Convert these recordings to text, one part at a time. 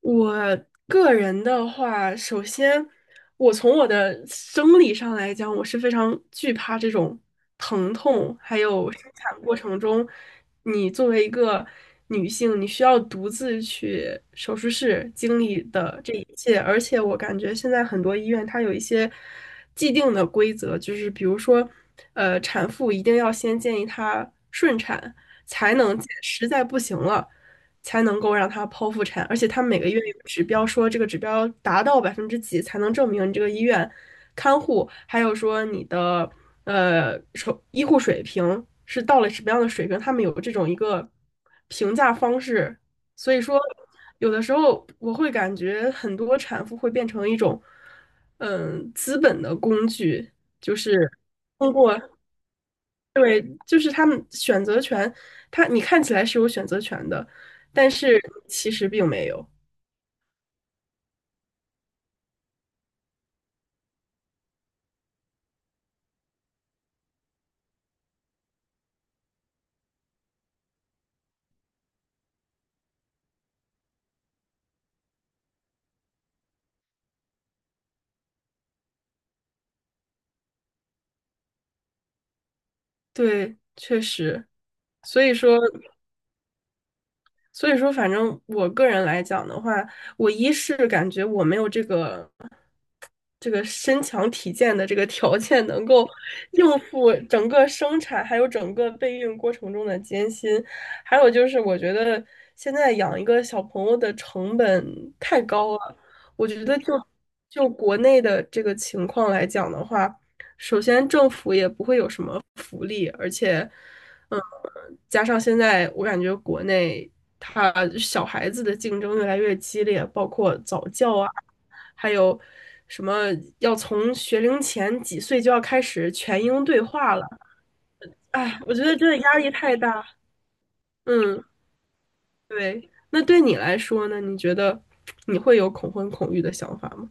我个人的话，首先，我从我的生理上来讲，我是非常惧怕这种疼痛。还有生产过程中，你作为一个女性，你需要独自去手术室经历的这一切。而且，我感觉现在很多医院它有一些既定的规则，就是比如说，产妇一定要先建议她顺产，才能见实在不行了。才能够让她剖腹产，而且它每个月有指标，说这个指标达到百分之几才能证明你这个医院看护，还有说你的手医护水平是到了什么样的水平，他们有这种一个评价方式。所以说有的时候我会感觉很多产妇会变成一种资本的工具，就是通过。对，就是他们选择权，他你看起来是有选择权的，但是其实并没有。对，确实，所以说，反正我个人来讲的话，我一是感觉我没有这个。这个身强体健的这个条件能够应付整个生产还有整个备孕过程中的艰辛。还有就是我觉得现在养一个小朋友的成本太高了。我觉得就国内的这个情况来讲的话，首先政府也不会有什么。嗯，加上现在我感觉国内他小孩子的竞争越来越激烈，包括早教啊，还有什么要从学龄前几岁就要开始全英对话了。哎，我觉得真的压力太大。嗯，对。那对你来说呢？你觉得你会有恐婚恐育的想法吗？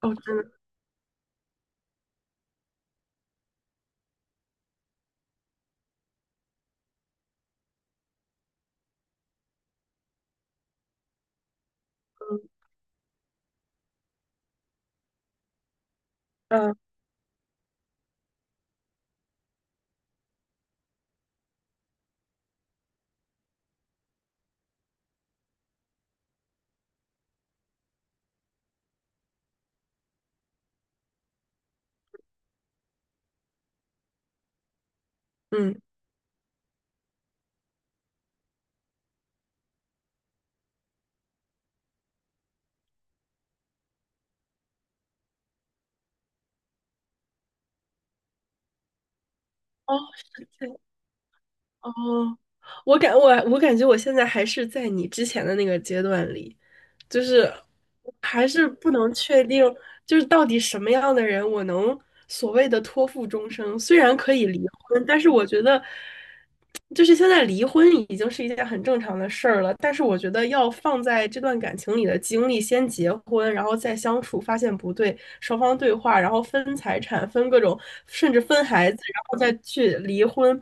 哦，真的，嗯嗯。哦，是这样。哦，我感觉我现在还是在你之前的那个阶段里，就是还是不能确定，就是到底什么样的人我能所谓的托付终生。虽然可以离婚，但是我觉得，就是现在离婚已经是一件很正常的事儿了。但是我觉得要放在这段感情里的经历，先结婚，然后再相处，发现不对，双方对话，然后分财产，分各种，甚至分孩子，然后再去离婚。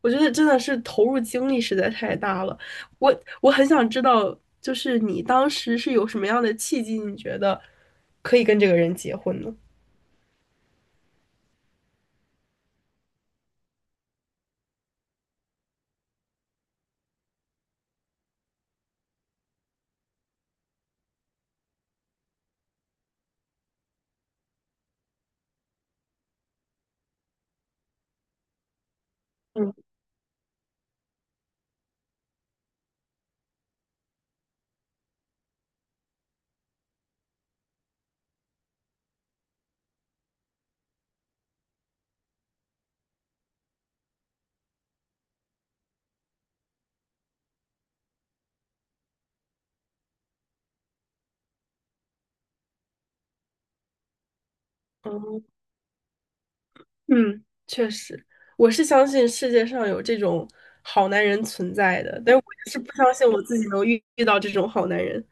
我觉得真的是投入精力实在太大了。我我很想知道，就是你当时是有什么样的契机，你觉得可以跟这个人结婚呢？嗯嗯嗯，确实，我是相信世界上有这种好男人存在的，但是我是不相信我自己能遇到这种好男人。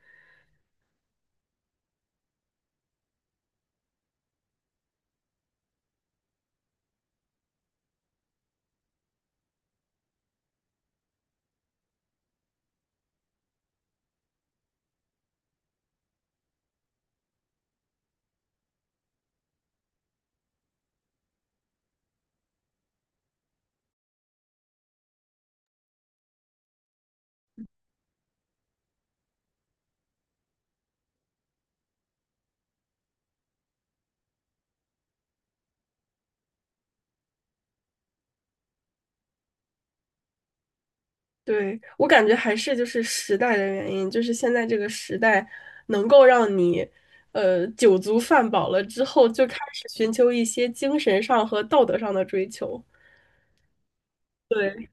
对，我感觉还是就是时代的原因，就是现在这个时代能够让你，酒足饭饱了之后，就开始寻求一些精神上和道德上的追求。对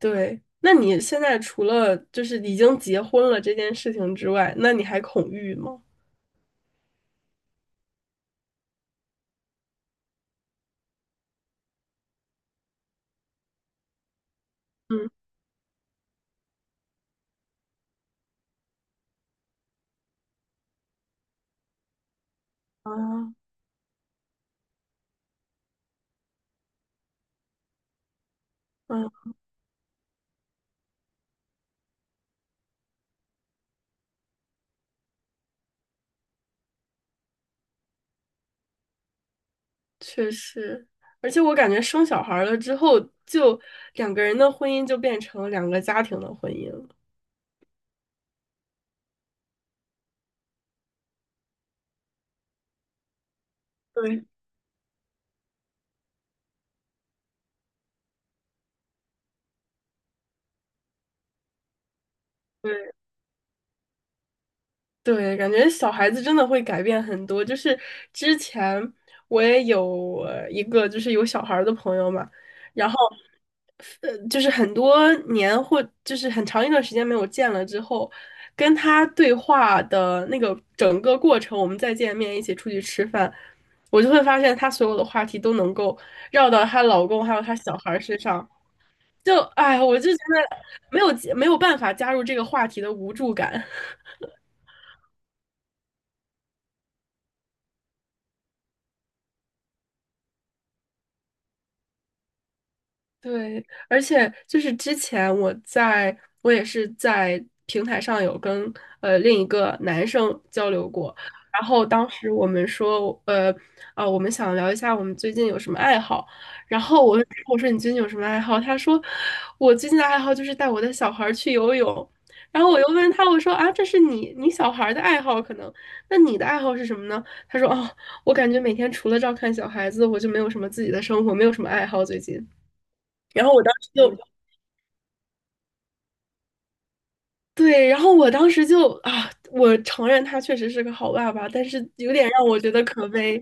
对，那你现在除了就是已经结婚了这件事情之外，那你还恐育吗？嗯啊嗯，确实，而且我感觉生小孩儿了之后，就两个人的婚姻就变成两个家庭的婚姻了。对对，感觉小孩子真的会改变很多。就是之前我也有一个就是有小孩儿的朋友嘛，然后就是很多年或就是很长一段时间没有见了之后，跟他对话的那个整个过程，我们再见面一起出去吃饭，我就会发现他所有的话题都能够绕到她老公还有她小孩儿身上，就哎，我就觉得没有办法加入这个话题的无助感。对，而且就是之前我在，我也是在平台上有跟另一个男生交流过，然后当时我们说，啊、我们想聊一下我们最近有什么爱好，然后我说你最近有什么爱好？他说我最近的爱好就是带我的小孩儿去游泳。然后我又问他，我说啊，这是你小孩儿的爱好可能，那你的爱好是什么呢？他说哦，我感觉每天除了照看小孩子，我就没有什么自己的生活，没有什么爱好最近。然后我当时就对，然后我当时就啊，我承认他确实是个好爸爸，但是有点让我觉得可悲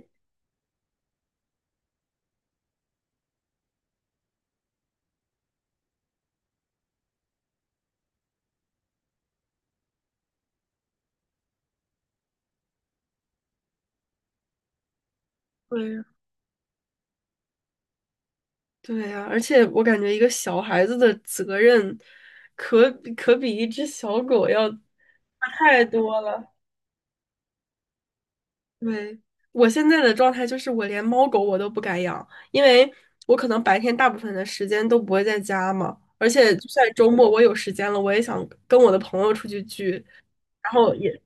对呀，对呀，而且我感觉一个小孩子的责任可，可比一只小狗要大太多了。对，我现在的状态就是，我连猫狗我都不敢养，因为我可能白天大部分的时间都不会在家嘛，而且就算周末我有时间了，我也想跟我的朋友出去聚，然后也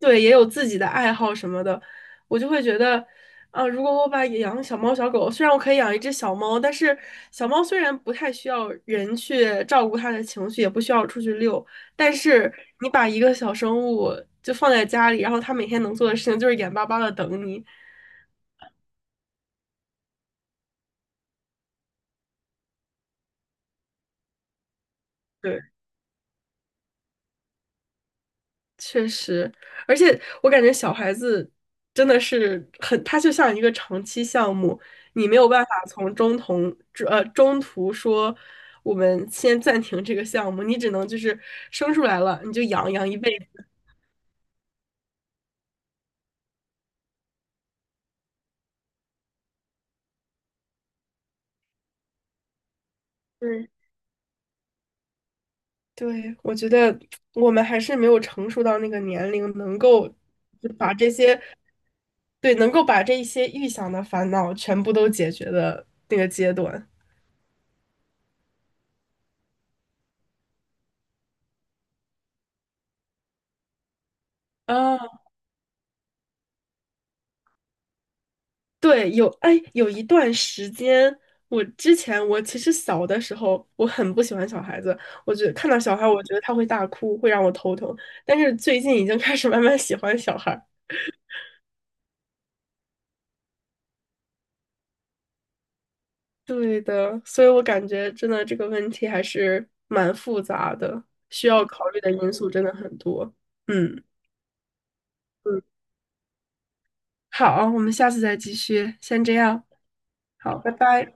对，也有自己的爱好什么的。我就会觉得，啊，如果我把养小猫小狗，虽然我可以养一只小猫，但是小猫虽然不太需要人去照顾它的情绪，也不需要出去遛，但是你把一个小生物就放在家里，然后它每天能做的事情就是眼巴巴的等你。对。确实，而且我感觉小孩子真的是很，他就像一个长期项目，你没有办法从中途中途说我们先暂停这个项目，你只能就是生出来了你就养一辈子。对，对，我觉得我们还是没有成熟到那个年龄，能够就把这些，对，能够把这一些预想的烦恼全部都解决的那个阶段。啊。对，有，哎，有一段时间，我之前我其实小的时候，我很不喜欢小孩子，我觉得看到小孩，我觉得他会大哭，会让我头疼。但是最近已经开始慢慢喜欢小孩 对的，所以我感觉真的这个问题还是蛮复杂的，需要考虑的因素真的很多。嗯嗯，好，我们下次再继续，先这样，好，拜拜。